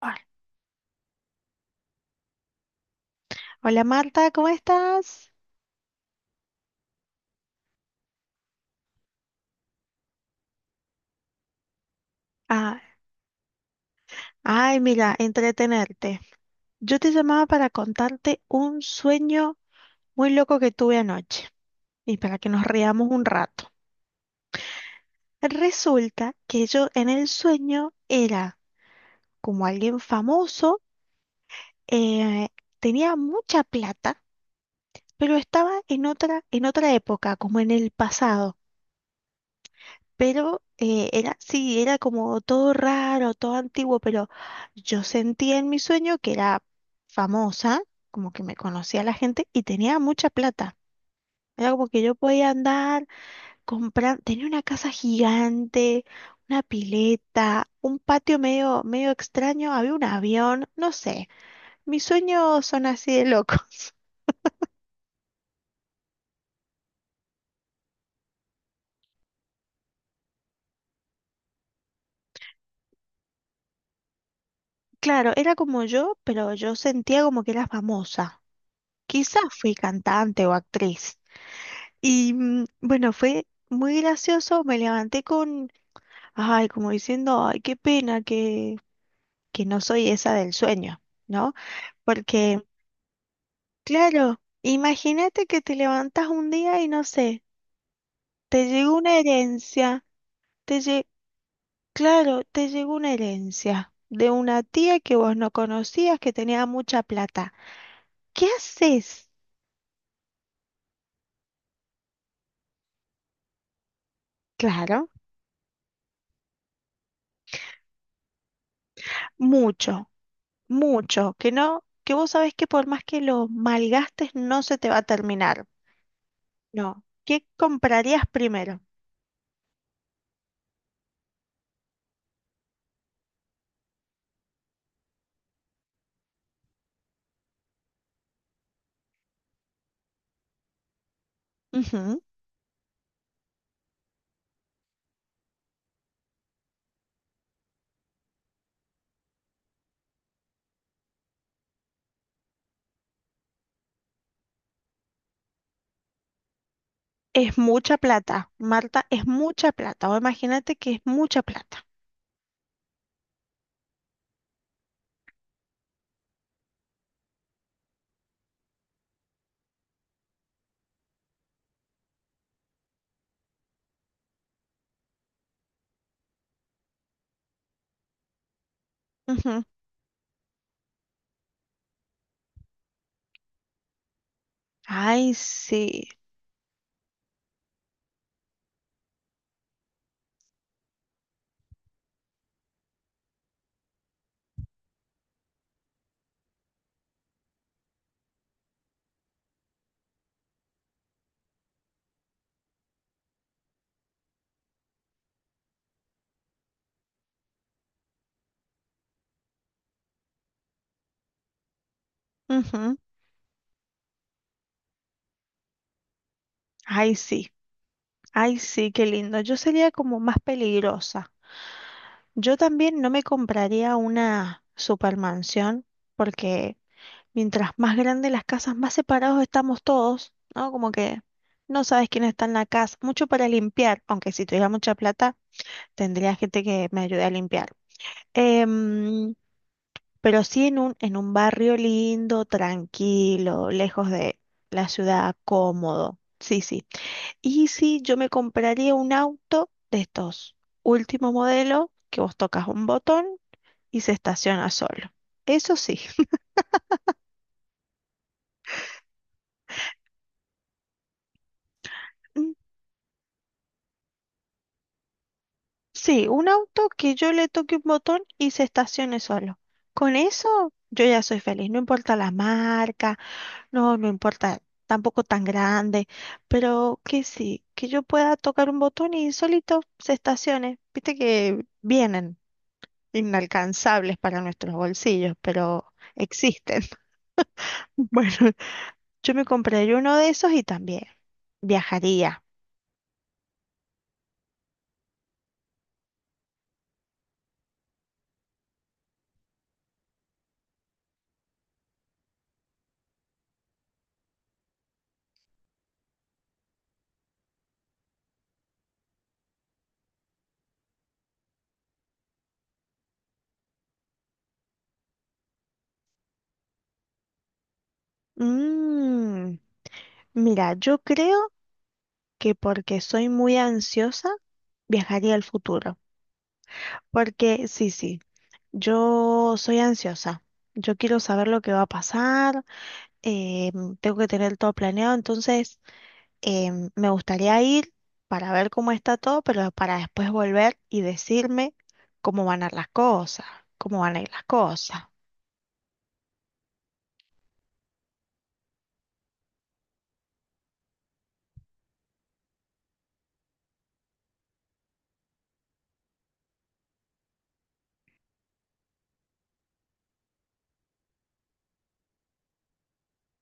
Hola. Hola, Marta, ¿cómo estás? Ah, ay, mira, entretenerte. Yo te llamaba para contarte un sueño muy loco que tuve anoche y para que nos riamos un rato. Resulta que yo en el sueño era como alguien famoso, eh, tenía mucha plata, pero estaba en otra época, como en el pasado. Pero era, sí, era como todo raro, todo antiguo, pero yo sentía en mi sueño que era famosa, como que me conocía la gente y tenía mucha plata. Era como que yo podía andar, comprar, tenía una casa gigante, una pileta, un patio medio, medio extraño, había un avión, no sé, mis sueños son así de locos. Claro, era como yo, pero yo sentía como que era famosa. Quizás fui cantante o actriz. Y bueno, fue muy gracioso, me levanté con, ay, como diciendo, ay, qué pena que no soy esa del sueño, ¿no? Porque, claro, imagínate que te levantas un día y no sé, te llegó una herencia, te lle- claro, te llegó una herencia de una tía que vos no conocías, que tenía mucha plata. ¿Qué haces? Claro, mucho, mucho, que no, que vos sabés que por más que lo malgastes no se te va a terminar. No. ¿Qué comprarías primero? Ujú. Es mucha plata, Marta, es mucha plata. O imagínate que es mucha plata. Ujú. Ay, sí. Ujú. Ay, sí. Ay, sí, qué lindo. Yo sería como más peligrosa. Yo también no me compraría una supermansión porque mientras más grandes las casas, más separados estamos todos, ¿no? Como que no sabes quién está en la casa. Mucho para limpiar, aunque si tuviera mucha plata, tendría gente que me ayude a limpiar. Em, pero sí en un barrio lindo, tranquilo, lejos de la ciudad, cómodo. Sí, sí. Y sí, yo me compraría un auto de estos último modelo, que vos tocas un botón y se estaciona solo. Eso sí, sí, un auto que yo le toque un botón y se estacione solo. Con eso yo ya soy feliz, no importa la marca, no, no importa tampoco tan grande, pero que sí, que yo pueda tocar un botón y solito se estacione. Viste que vienen inalcanzables para nuestros bolsillos, pero existen. Bueno, yo me compraría uno de esos y también viajaría. Mmm Mira, yo creo que porque soy muy ansiosa, viajaría al futuro. Porque sí, sí, yo soy ansiosa. Yo quiero saber lo que va a pasar, eh, tengo que tener todo planeado, entonces me gustaría ir para ver cómo está todo, pero para después volver y decirme cómo van a ir las cosas, cómo van a ir las cosas.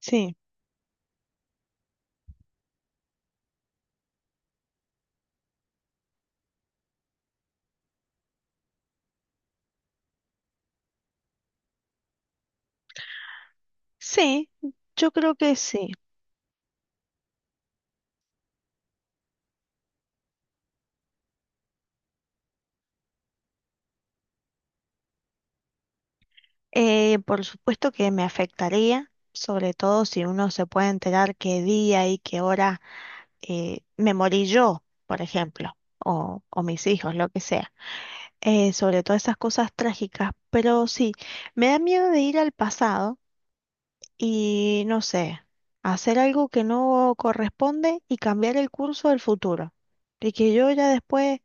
Sí, sí, yo creo que sí. Por supuesto que me afectaría, sobre todo si uno se puede enterar qué día y qué hora me morí yo, por ejemplo, o mis hijos, lo que sea. Sobre todo esas cosas trágicas, pero sí, me da miedo de ir al pasado y, no sé, hacer algo que no corresponde y cambiar el curso del futuro. Y que yo ya después,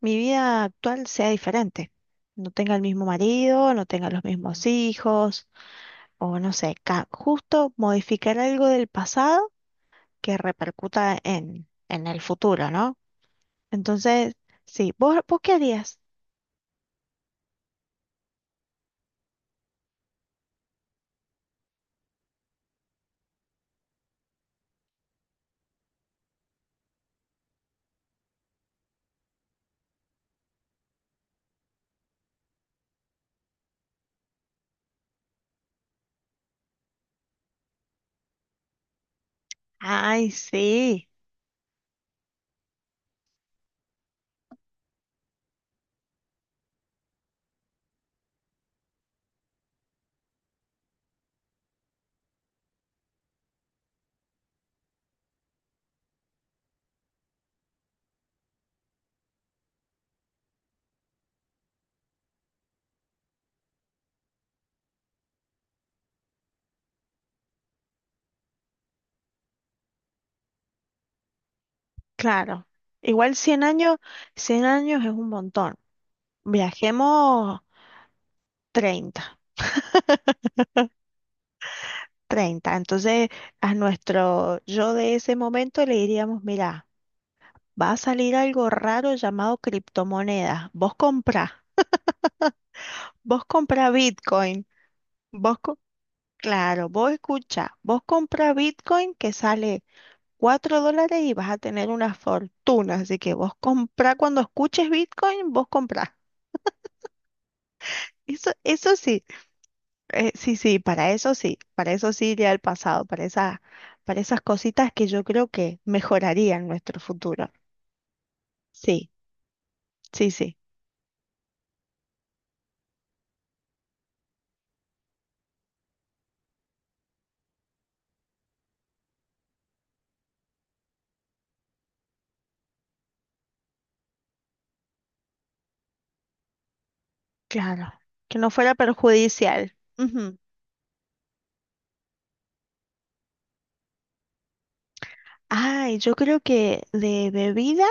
mi vida actual sea diferente. No tenga el mismo marido, no tenga los mismos hijos o no sé, justo modificar algo del pasado que repercuta en el futuro, ¿no? Entonces, sí, ¿vos, vos qué harías? Ay, sí, claro. Igual 100 años, 100 años es un montón. Viajemos 30, 30. Entonces, a nuestro yo de ese momento le diríamos, mira, va a salir algo raro llamado criptomonedas. Vos comprá Bitcoin. Vos... Claro, vos escucha, vos compras Bitcoin que sale $4 y vas a tener una fortuna. Así que vos comprá cuando escuches Bitcoin, vos comprás. Eso sí, sí, sí, para eso sí, para eso sí iría al pasado, para esas cositas que yo creo que mejorarían nuestro futuro. Sí, sí, sí, claro. Que no fuera perjudicial. Ujú. Ay, yo creo que de bebida.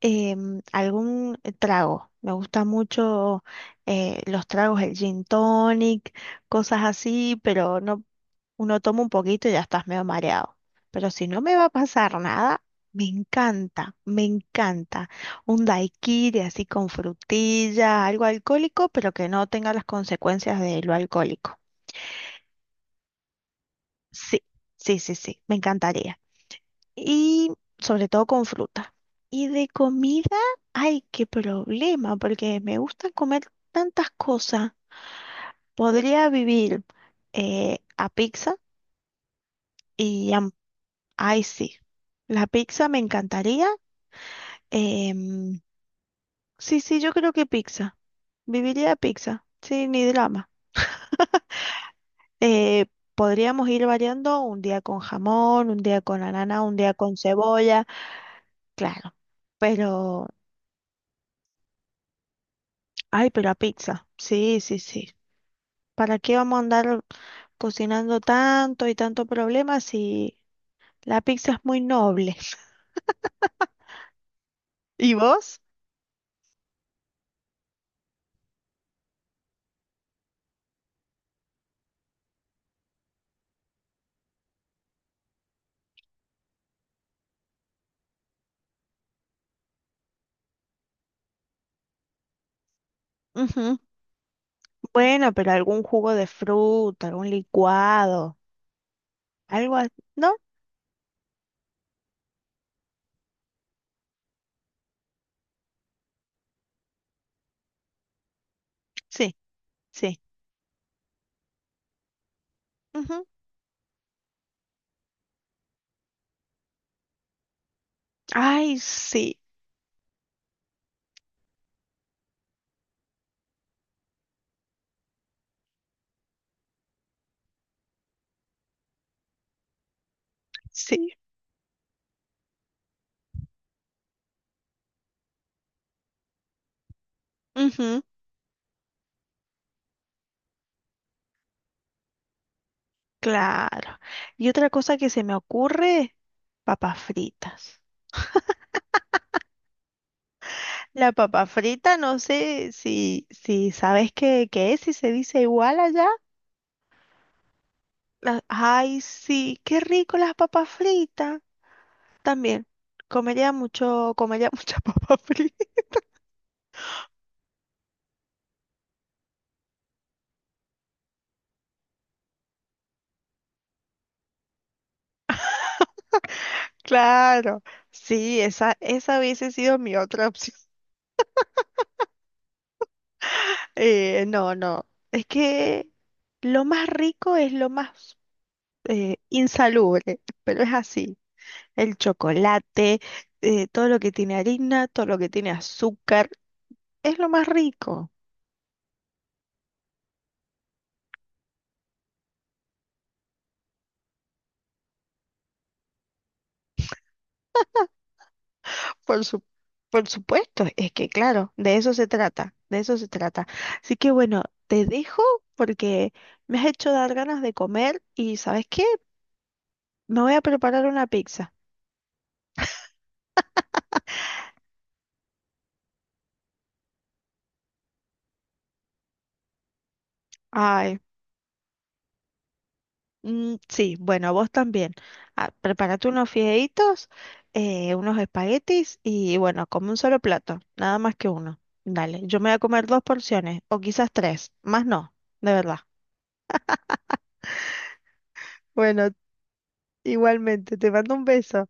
Algún trago. Me gusta mucho los tragos, el gin tonic, cosas así, pero no, uno toma un poquito y ya estás medio mareado. Pero si no me va a pasar nada, me encanta, me encanta. Un daiquiri así con frutilla, algo alcohólico, pero que no tenga las consecuencias de lo alcohólico. Sí, sí, sí, sí, me encantaría. Y sobre todo con fruta. Y de comida, ay, qué problema, porque me gusta comer tantas cosas. Podría vivir a pizza y ay, sí. La pizza me encantaría. em, sí, sí, yo creo que pizza. Viviría de pizza, sí, ni drama. Eh, podríamos ir variando un día con jamón, un día con ananá, un día con cebolla, claro. Pero, ay, pero a pizza, sí, sí, sí. ¿Para qué vamos a andar cocinando tanto y tanto problema si la pizza es muy noble? ¿Y vos? Ujú. Bueno, pero algún jugo de fruta, algún licuado, algo así, ¿no? Sí, sí. Ujú. Ay, sí, sí. Ujú, claro. Y otra cosa que se me ocurre, papas fritas. La papa frita, no sé si, si sabes qué, qué es, si se dice igual allá. Ay, sí, qué rico las papas fritas. También comería mucho, comería mucha papa frita. Claro, sí, esa hubiese sido mi otra opción. No, no, es que lo más rico es lo más insalubre, pero es así. El chocolate, todo lo que tiene harina, todo lo que tiene azúcar, es lo más rico. Por su- por supuesto, es que claro, de eso se trata, de eso se trata. Así que bueno, te dejo porque me has hecho dar ganas de comer y ¿sabes qué? Me voy a preparar una pizza. Ay, sí, bueno, vos también. Ah, prepárate unos fideitos, unos espaguetis y bueno, come un solo plato, nada más que uno. Dale, yo me voy a comer dos porciones o quizás tres, más no, de verdad. Bueno, igualmente, te mando un beso.